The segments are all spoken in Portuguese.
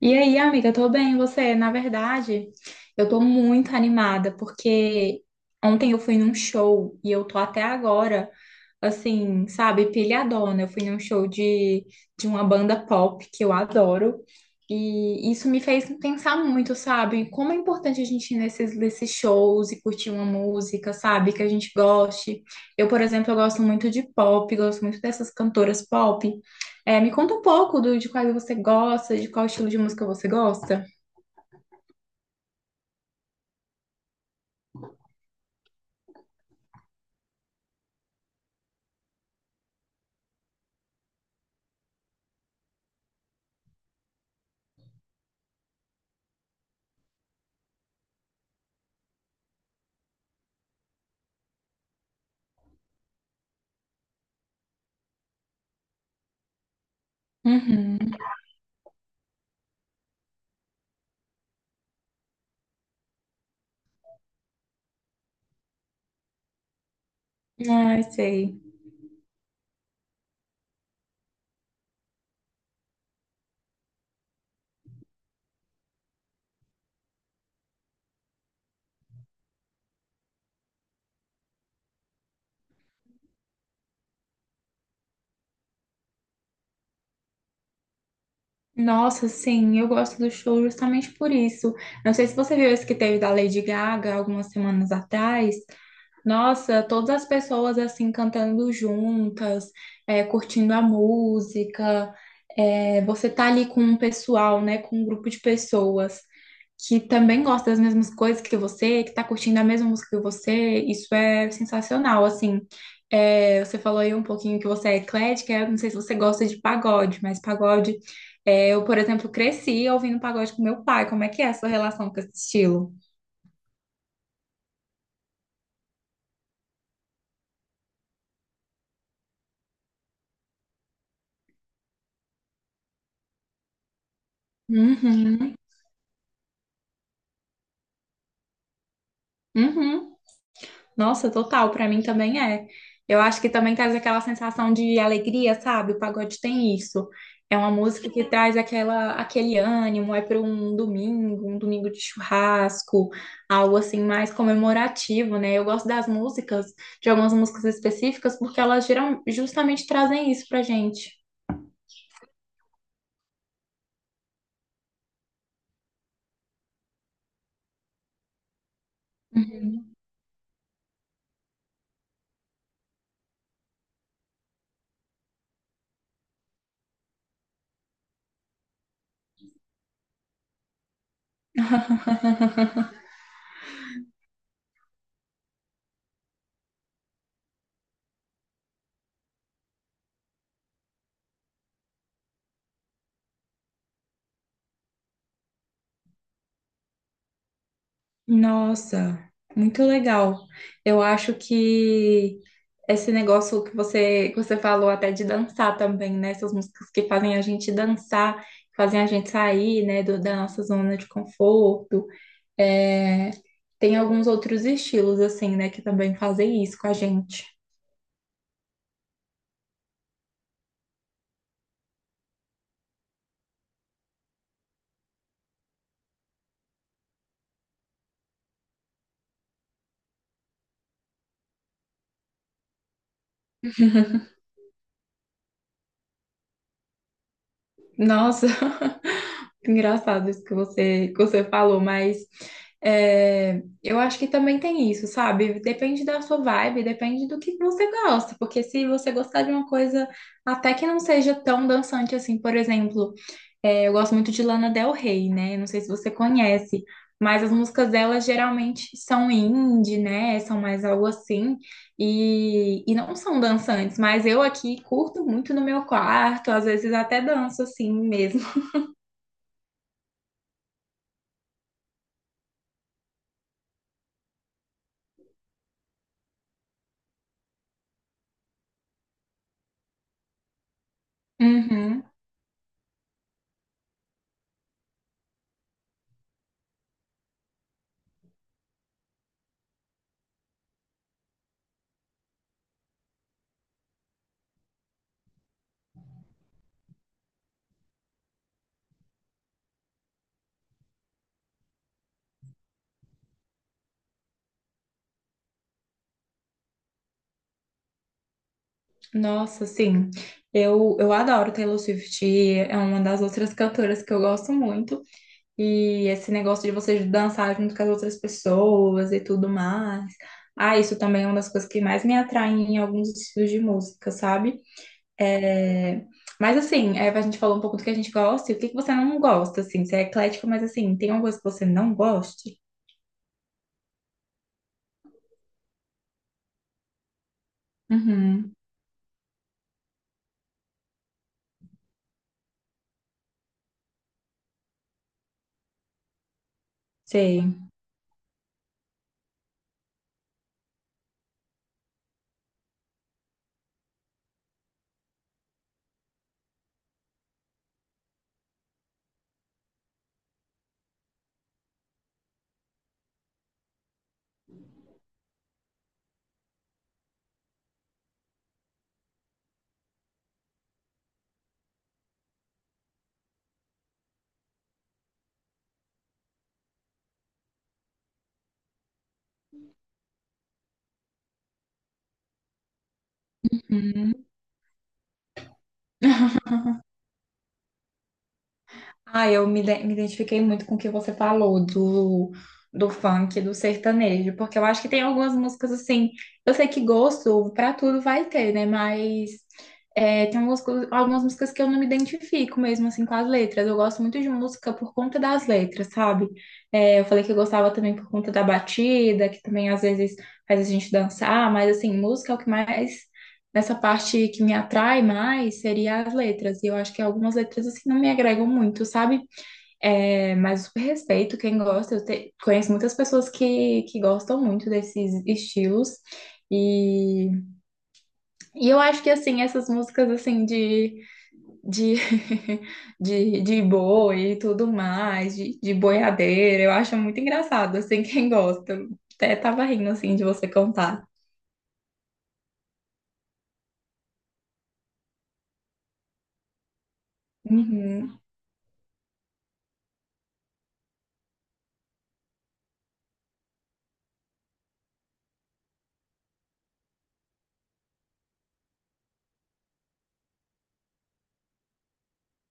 E aí, amiga, eu tô bem, e você? Na verdade, eu tô muito animada porque ontem eu fui num show e eu tô até agora, assim, sabe, pilhadona. Eu fui num show de uma banda pop que eu adoro e isso me fez pensar muito, sabe, como é importante a gente ir nesses shows e curtir uma música, sabe, que a gente goste. Eu, por exemplo, eu gosto muito de pop, gosto muito dessas cantoras pop. Me conta um pouco de quais você gosta, de qual estilo de música você gosta. Uhum. Ai, sei. Nossa, sim, eu gosto do show justamente por isso. Não sei se você viu esse que teve da Lady Gaga algumas semanas atrás. Nossa, todas as pessoas assim cantando juntas, curtindo a música, você tá ali com um pessoal, né, com um grupo de pessoas que também gosta das mesmas coisas que você, que tá curtindo a mesma música que você, isso é sensacional, assim. É, você falou aí um pouquinho que você é eclética, eu não sei se você gosta de pagode, mas pagode, eu, por exemplo, cresci ouvindo pagode com meu pai, como é que é a sua relação com esse estilo? Uhum, uhum. Nossa, total, pra mim também é. Eu acho que também traz aquela sensação de alegria, sabe? O pagode tem isso. É uma música que traz aquele ânimo, é para um domingo de churrasco, algo assim mais comemorativo, né? Eu gosto das músicas, de algumas músicas específicas, porque elas geram, justamente trazem isso pra gente. Nossa, muito legal. Eu acho que esse negócio que você falou até de dançar também, né? Essas músicas que fazem a gente dançar, fazem a gente sair, né, da nossa zona de conforto. É, tem alguns outros estilos, assim, né, que também fazem isso com a gente. Nossa, engraçado isso que você falou, mas eu acho que também tem isso, sabe? Depende da sua vibe, depende do que você gosta, porque se você gostar de uma coisa até que não seja tão dançante assim, por exemplo. É, eu gosto muito de Lana Del Rey, né? Não sei se você conhece, mas as músicas dela geralmente são indie, né? São mais algo assim. E não são dançantes, mas eu aqui curto muito no meu quarto, às vezes até danço assim mesmo. Uhum. Nossa, sim. Eu adoro Taylor Swift, é uma das outras cantoras que eu gosto muito. E esse negócio de você dançar junto com as outras pessoas e tudo mais. Ah, isso também é uma das coisas que mais me atraem em alguns estilos de música, sabe? É, Mas assim, a gente falou um pouco do que a gente gosta e o que que você não gosta, assim. Você é eclético, mas assim, tem alguma coisa que você não goste? Uhum, sei. Uhum. Ah, me identifiquei muito com o que você falou do funk, do sertanejo, porque eu acho que tem algumas músicas assim. Eu sei que gosto pra tudo vai ter, né? Mas tem algumas, algumas músicas que eu não me identifico mesmo assim com as letras. Eu gosto muito de música por conta das letras, sabe? Eu falei que eu gostava também por conta da batida, que também às vezes faz a gente dançar, mas assim, música é o que mais nessa parte que me atrai mais seria as letras. E eu acho que algumas letras assim não me agregam muito, sabe? É, mas eu super respeito quem gosta. Conheço muitas pessoas que gostam muito desses estilos. E, e eu acho que assim, essas músicas assim de, de boi e tudo mais, de boiadeira, eu acho muito engraçado, assim, quem gosta. Eu até tava rindo assim de você contar. Uhum,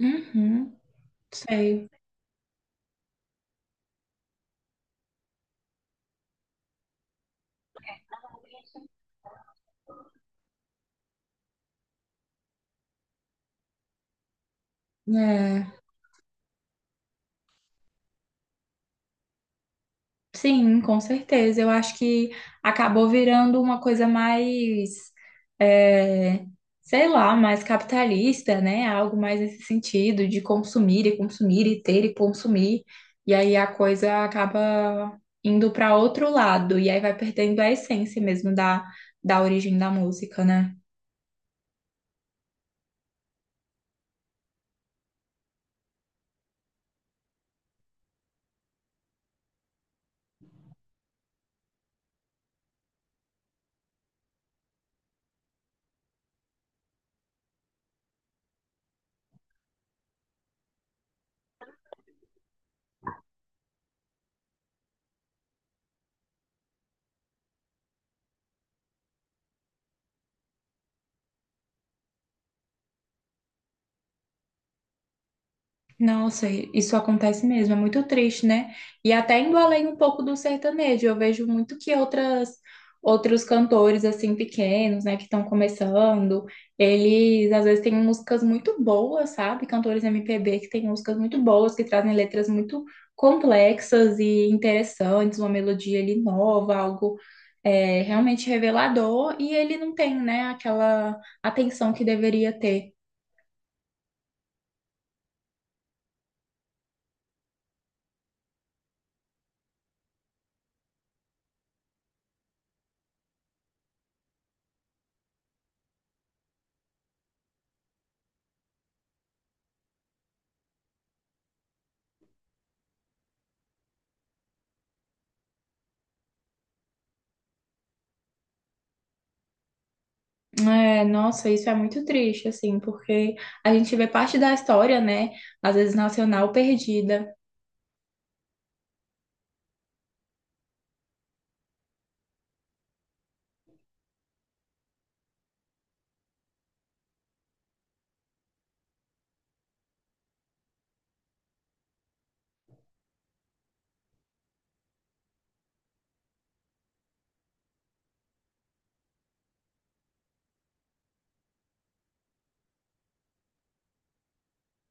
uhum, sei. É. Sim, com certeza. Eu acho que acabou virando uma coisa mais, é, sei lá, mais capitalista, né? Algo mais nesse sentido de consumir e consumir e ter e consumir. E aí a coisa acaba indo para outro lado. E aí vai perdendo a essência mesmo da origem da música, né? Nossa, isso acontece mesmo, é muito triste, né? E até indo além um pouco do sertanejo, eu vejo muito que outras outros cantores assim pequenos, né, que estão começando, eles às vezes têm músicas muito boas, sabe? Cantores MPB que têm músicas muito boas, que trazem letras muito complexas e interessantes, uma melodia ali nova, algo realmente revelador, e ele não tem, né, aquela atenção que deveria ter. É, nossa, isso é muito triste, assim, porque a gente vê parte da história, né? Às vezes nacional perdida.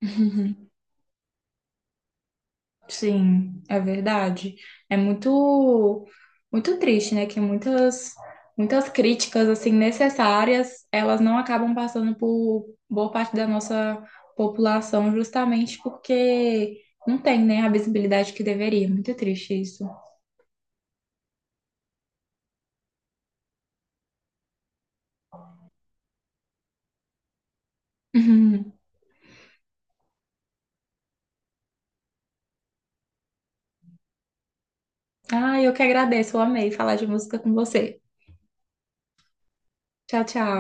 Uhum. Sim, é verdade. É muito, muito triste, né? Que muitas, muitas críticas, assim, necessárias, elas não acabam passando por boa parte da nossa população, justamente porque não tem, né, a visibilidade que deveria. Muito triste isso. Uhum. Ah, eu que agradeço, eu amei falar de música com você. Tchau, tchau.